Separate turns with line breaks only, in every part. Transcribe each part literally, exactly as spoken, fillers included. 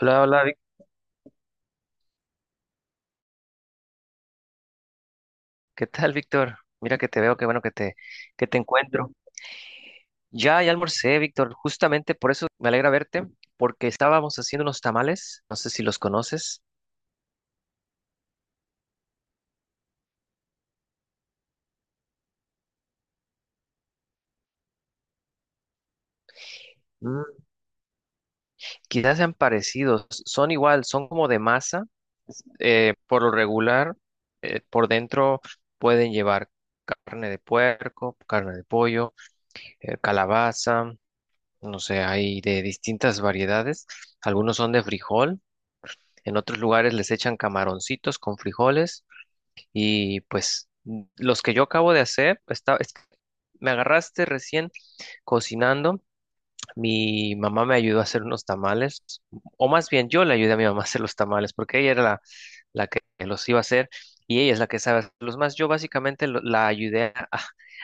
Hola, hola, Vic- ¿qué tal, Víctor? Mira que te veo, qué bueno que te, que te encuentro. Ya, ya almorcé, Víctor, justamente por eso me alegra verte, porque estábamos haciendo unos tamales, no sé si los conoces. Mm, Quizás sean parecidos, son igual, son como de masa, eh, por lo regular, eh, por dentro pueden llevar carne de puerco, carne de pollo, eh, calabaza, no sé, hay de distintas variedades, algunos son de frijol. En otros lugares les echan camaroncitos con frijoles. Y pues mm, los que yo acabo de hacer, está es me agarraste recién cocinando. Mi mamá me ayudó a hacer unos tamales, o más bien yo le ayudé a mi mamá a hacer los tamales, porque ella era la, la que los iba a hacer y ella es la que sabe hacerlos más. Yo básicamente lo- la ayudé a,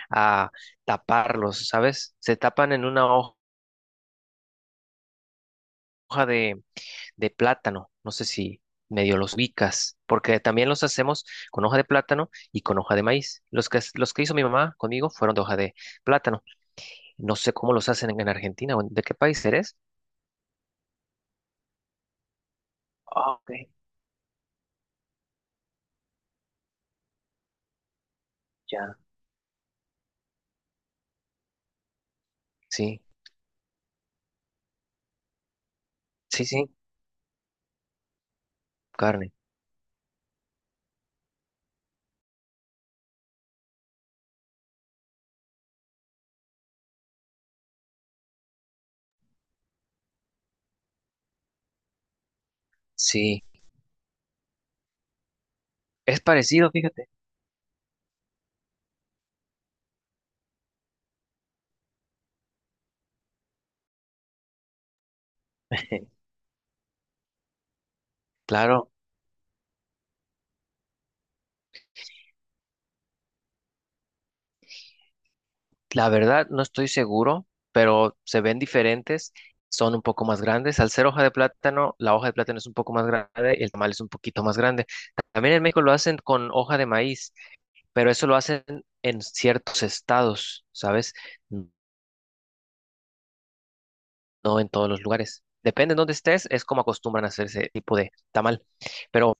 a taparlos, ¿sabes? Se tapan en una hoja de plátano. No sé si medio los ubicas, porque también los hacemos con hoja de plátano y con hoja de maíz. Los que, los que hizo mi mamá conmigo fueron de hoja de plátano. No sé cómo los hacen en, en Argentina o en- de qué país eres. Ah, ok, ya. Sí, sí, sí, carne. Sí, es parecido, fíjate. Claro. La verdad, no estoy seguro, pero se ven diferentes, son un poco más grandes. Al ser hoja de plátano, la hoja de plátano es un poco más grande y el tamal es un poquito más grande. También en México lo hacen con hoja de maíz, pero eso lo hacen en ciertos estados, ¿sabes? No en todos los lugares. Depende de dónde estés, es como acostumbran a hacer ese tipo de tamal. Pero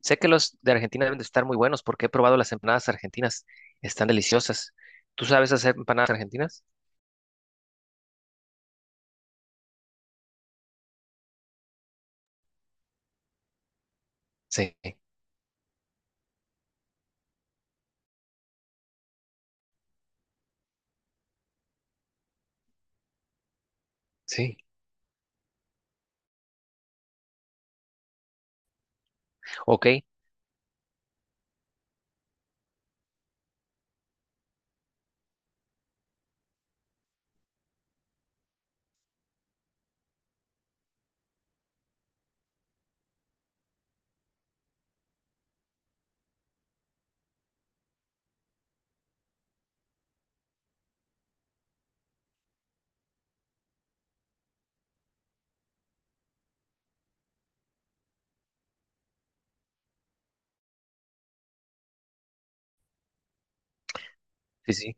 sé que los de Argentina deben de estar muy buenos porque he probado las empanadas argentinas. Están deliciosas. ¿Tú sabes hacer empanadas argentinas? Sí, sí. Ok. Sí,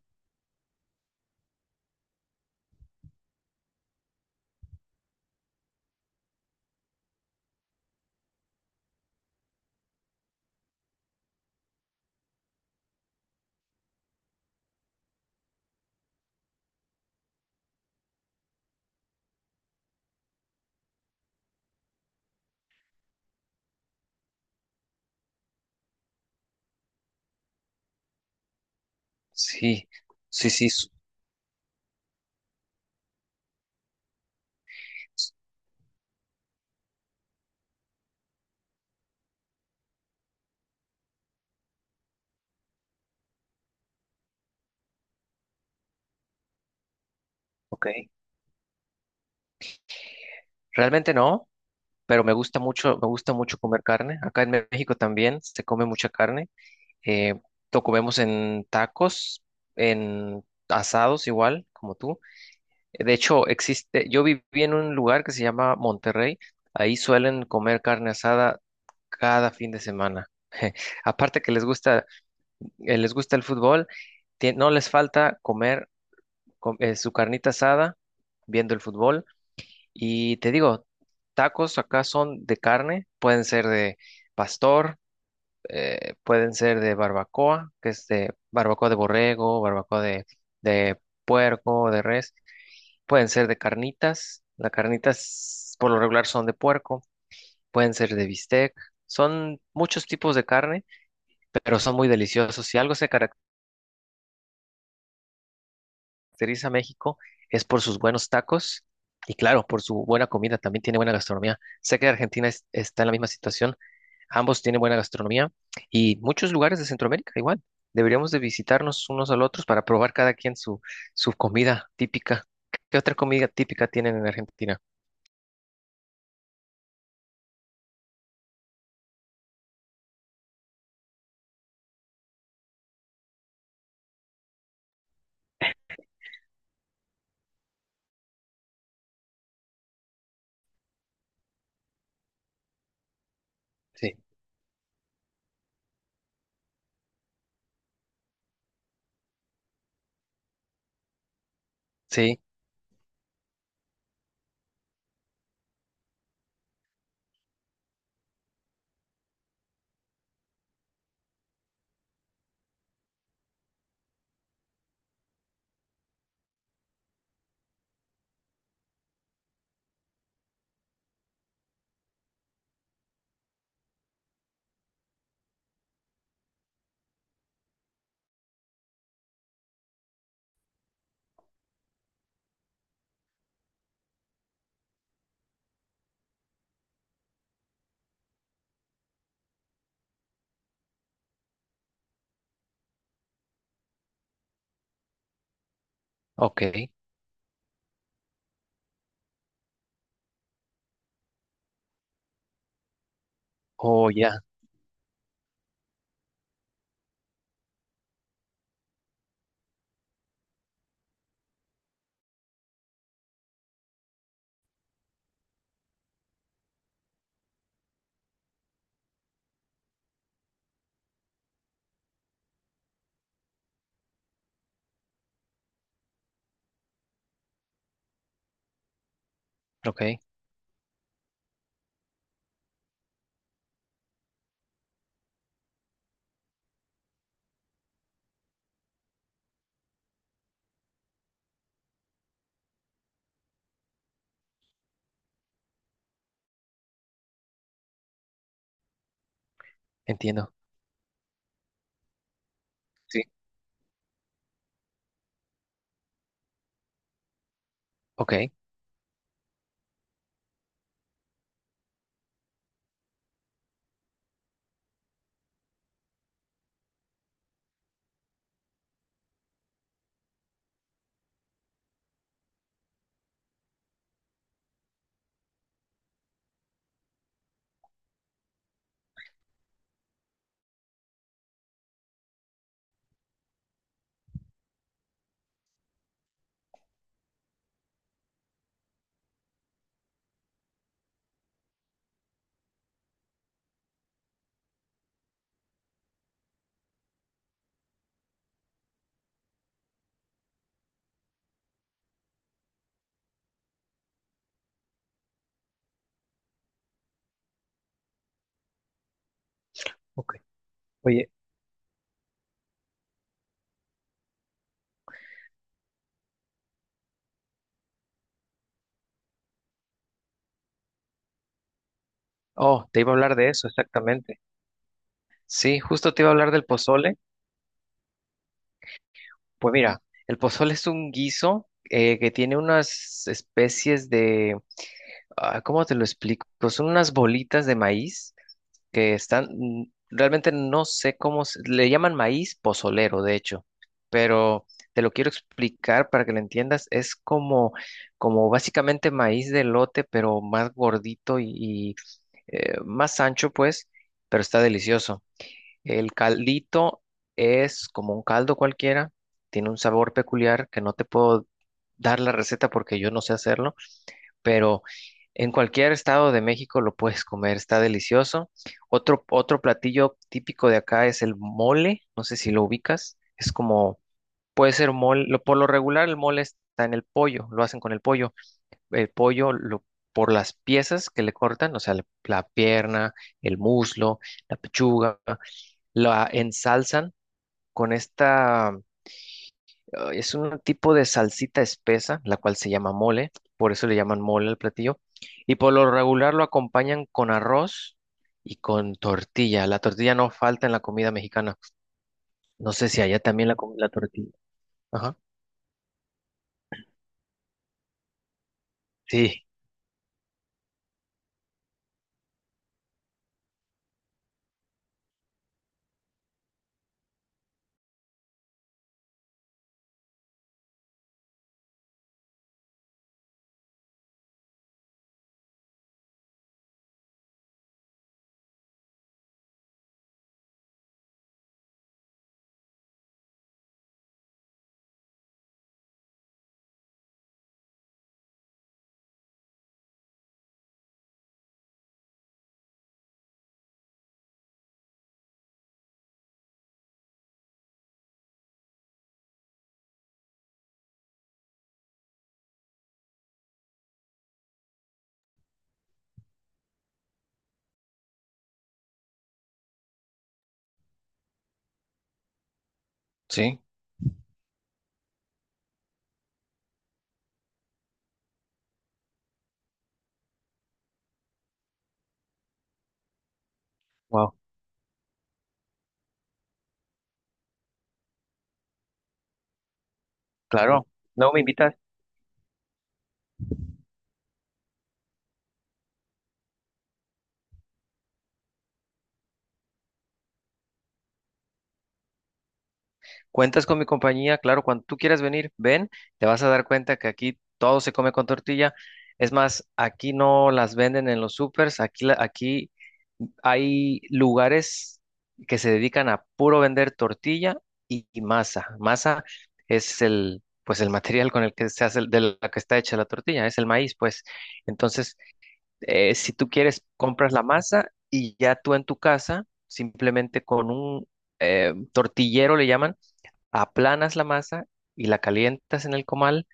sí, sí, sí, sí, su- ok. Realmente no, pero me gusta mucho, me gusta mucho comer carne. Acá en México también se come mucha carne. Eh, lo comemos en tacos, en asados igual, como tú. De hecho, existe, yo viví en un lugar que se llama Monterrey. Ahí suelen comer carne asada cada fin de semana. Aparte que les gusta, eh, les gusta el fútbol, tie- no les falta comer co- eh, su carnita asada viendo el fútbol. Y te digo, tacos acá son de carne, pueden ser de pastor, eh, pueden ser de barbacoa, que es de barbacoa de borrego, barbacoa de, de puerco, de res, pueden ser de carnitas, las carnitas por lo regular son de puerco, pueden ser de bistec, son muchos tipos de carne, pero son muy deliciosos. Si algo se caracteriza a México es por sus buenos tacos. Y claro, por su buena comida, también tiene buena gastronomía. Sé que Argentina es- está en la misma situación. Ambos tienen buena gastronomía y muchos lugares de Centroamérica igual. Deberíamos de visitarnos unos a los otros para probar cada quien su, su comida típica. ¿Qué otra comida típica tienen en Argentina? Sí, sí, ok. Oh, ya. Ok, entiendo. Sí, ok, ok. Oye, oh, te iba a hablar de eso, exactamente. Sí, justo te iba a hablar del pozole. Pues mira, el pozole es un guiso eh, que tiene unas especies de, ah, ¿cómo te lo explico? Pues son unas bolitas de maíz que están, mm, realmente no sé cómo, se- le llaman maíz pozolero, de hecho, pero te lo quiero explicar para que lo entiendas. Es como, como básicamente maíz de lote pero más gordito y, y, eh, más ancho, pues, pero está delicioso. El caldito es como un caldo cualquiera, tiene un sabor peculiar que no te puedo dar la receta porque yo no sé hacerlo, pero en cualquier estado de México lo puedes comer, está delicioso. Otro, otro platillo típico de acá es el mole, no sé si lo ubicas, es como, puede ser mole, lo- por lo regular el mole está en el pollo, lo hacen con el pollo, el pollo lo, por las piezas que le cortan, o sea, la, la pierna, el muslo, la pechuga, la ensalzan con esta. Ah, es un tipo de salsita espesa, la cual se llama mole, por eso le llaman mole al platillo. Y por lo regular lo acompañan con arroz y con tortilla. La tortilla no falta en la comida mexicana. No sé si allá también la comen la tortilla. Ajá. Sí, sí. Wow. Claro. No me invitas. Cuentas con mi compañía, claro, cuando tú quieras venir, ven, te vas a dar cuenta que aquí todo se come con tortilla. Es más, aquí no las venden en los supers, aquí, la- aquí hay lugares que se dedican a puro vender tortilla y, y masa. Masa es el, pues el material con el que se hace, el- de la que está hecha la tortilla, es el maíz, pues. Entonces, eh, si tú quieres, compras la masa y ya tú en tu casa, simplemente con un eh, tortillero le llaman, aplanas la masa y la calientas en el comal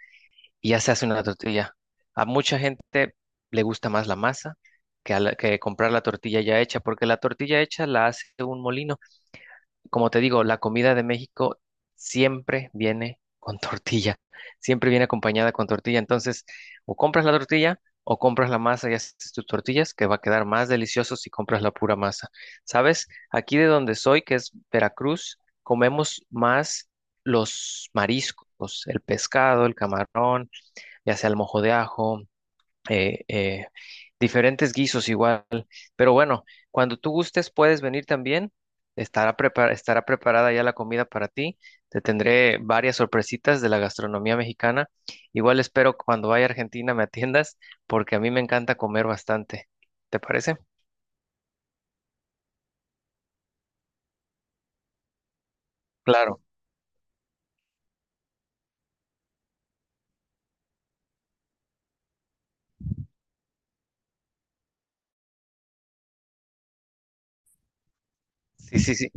y ya se hace una tortilla. A mucha gente le gusta más la masa que, a la- que comprar la tortilla ya hecha, porque la tortilla hecha la hace un molino. Como te digo, la comida de México siempre viene con tortilla, siempre viene acompañada con tortilla. Entonces, o compras la tortilla o compras la masa y haces tus tortillas, que va a quedar más delicioso si compras la pura masa. ¿Sabes? Aquí de donde soy, que es Veracruz, comemos más los mariscos, el pescado, el camarón, ya sea el mojo de ajo, eh, eh, diferentes guisos igual. Pero bueno, cuando tú gustes puedes venir también. Estará prepar- estará preparada ya la comida para ti. Te tendré varias sorpresitas de la gastronomía mexicana. Igual espero que cuando vaya a Argentina me atiendas porque a mí me encanta comer bastante. ¿Te parece? Claro. Sí, sí, sí.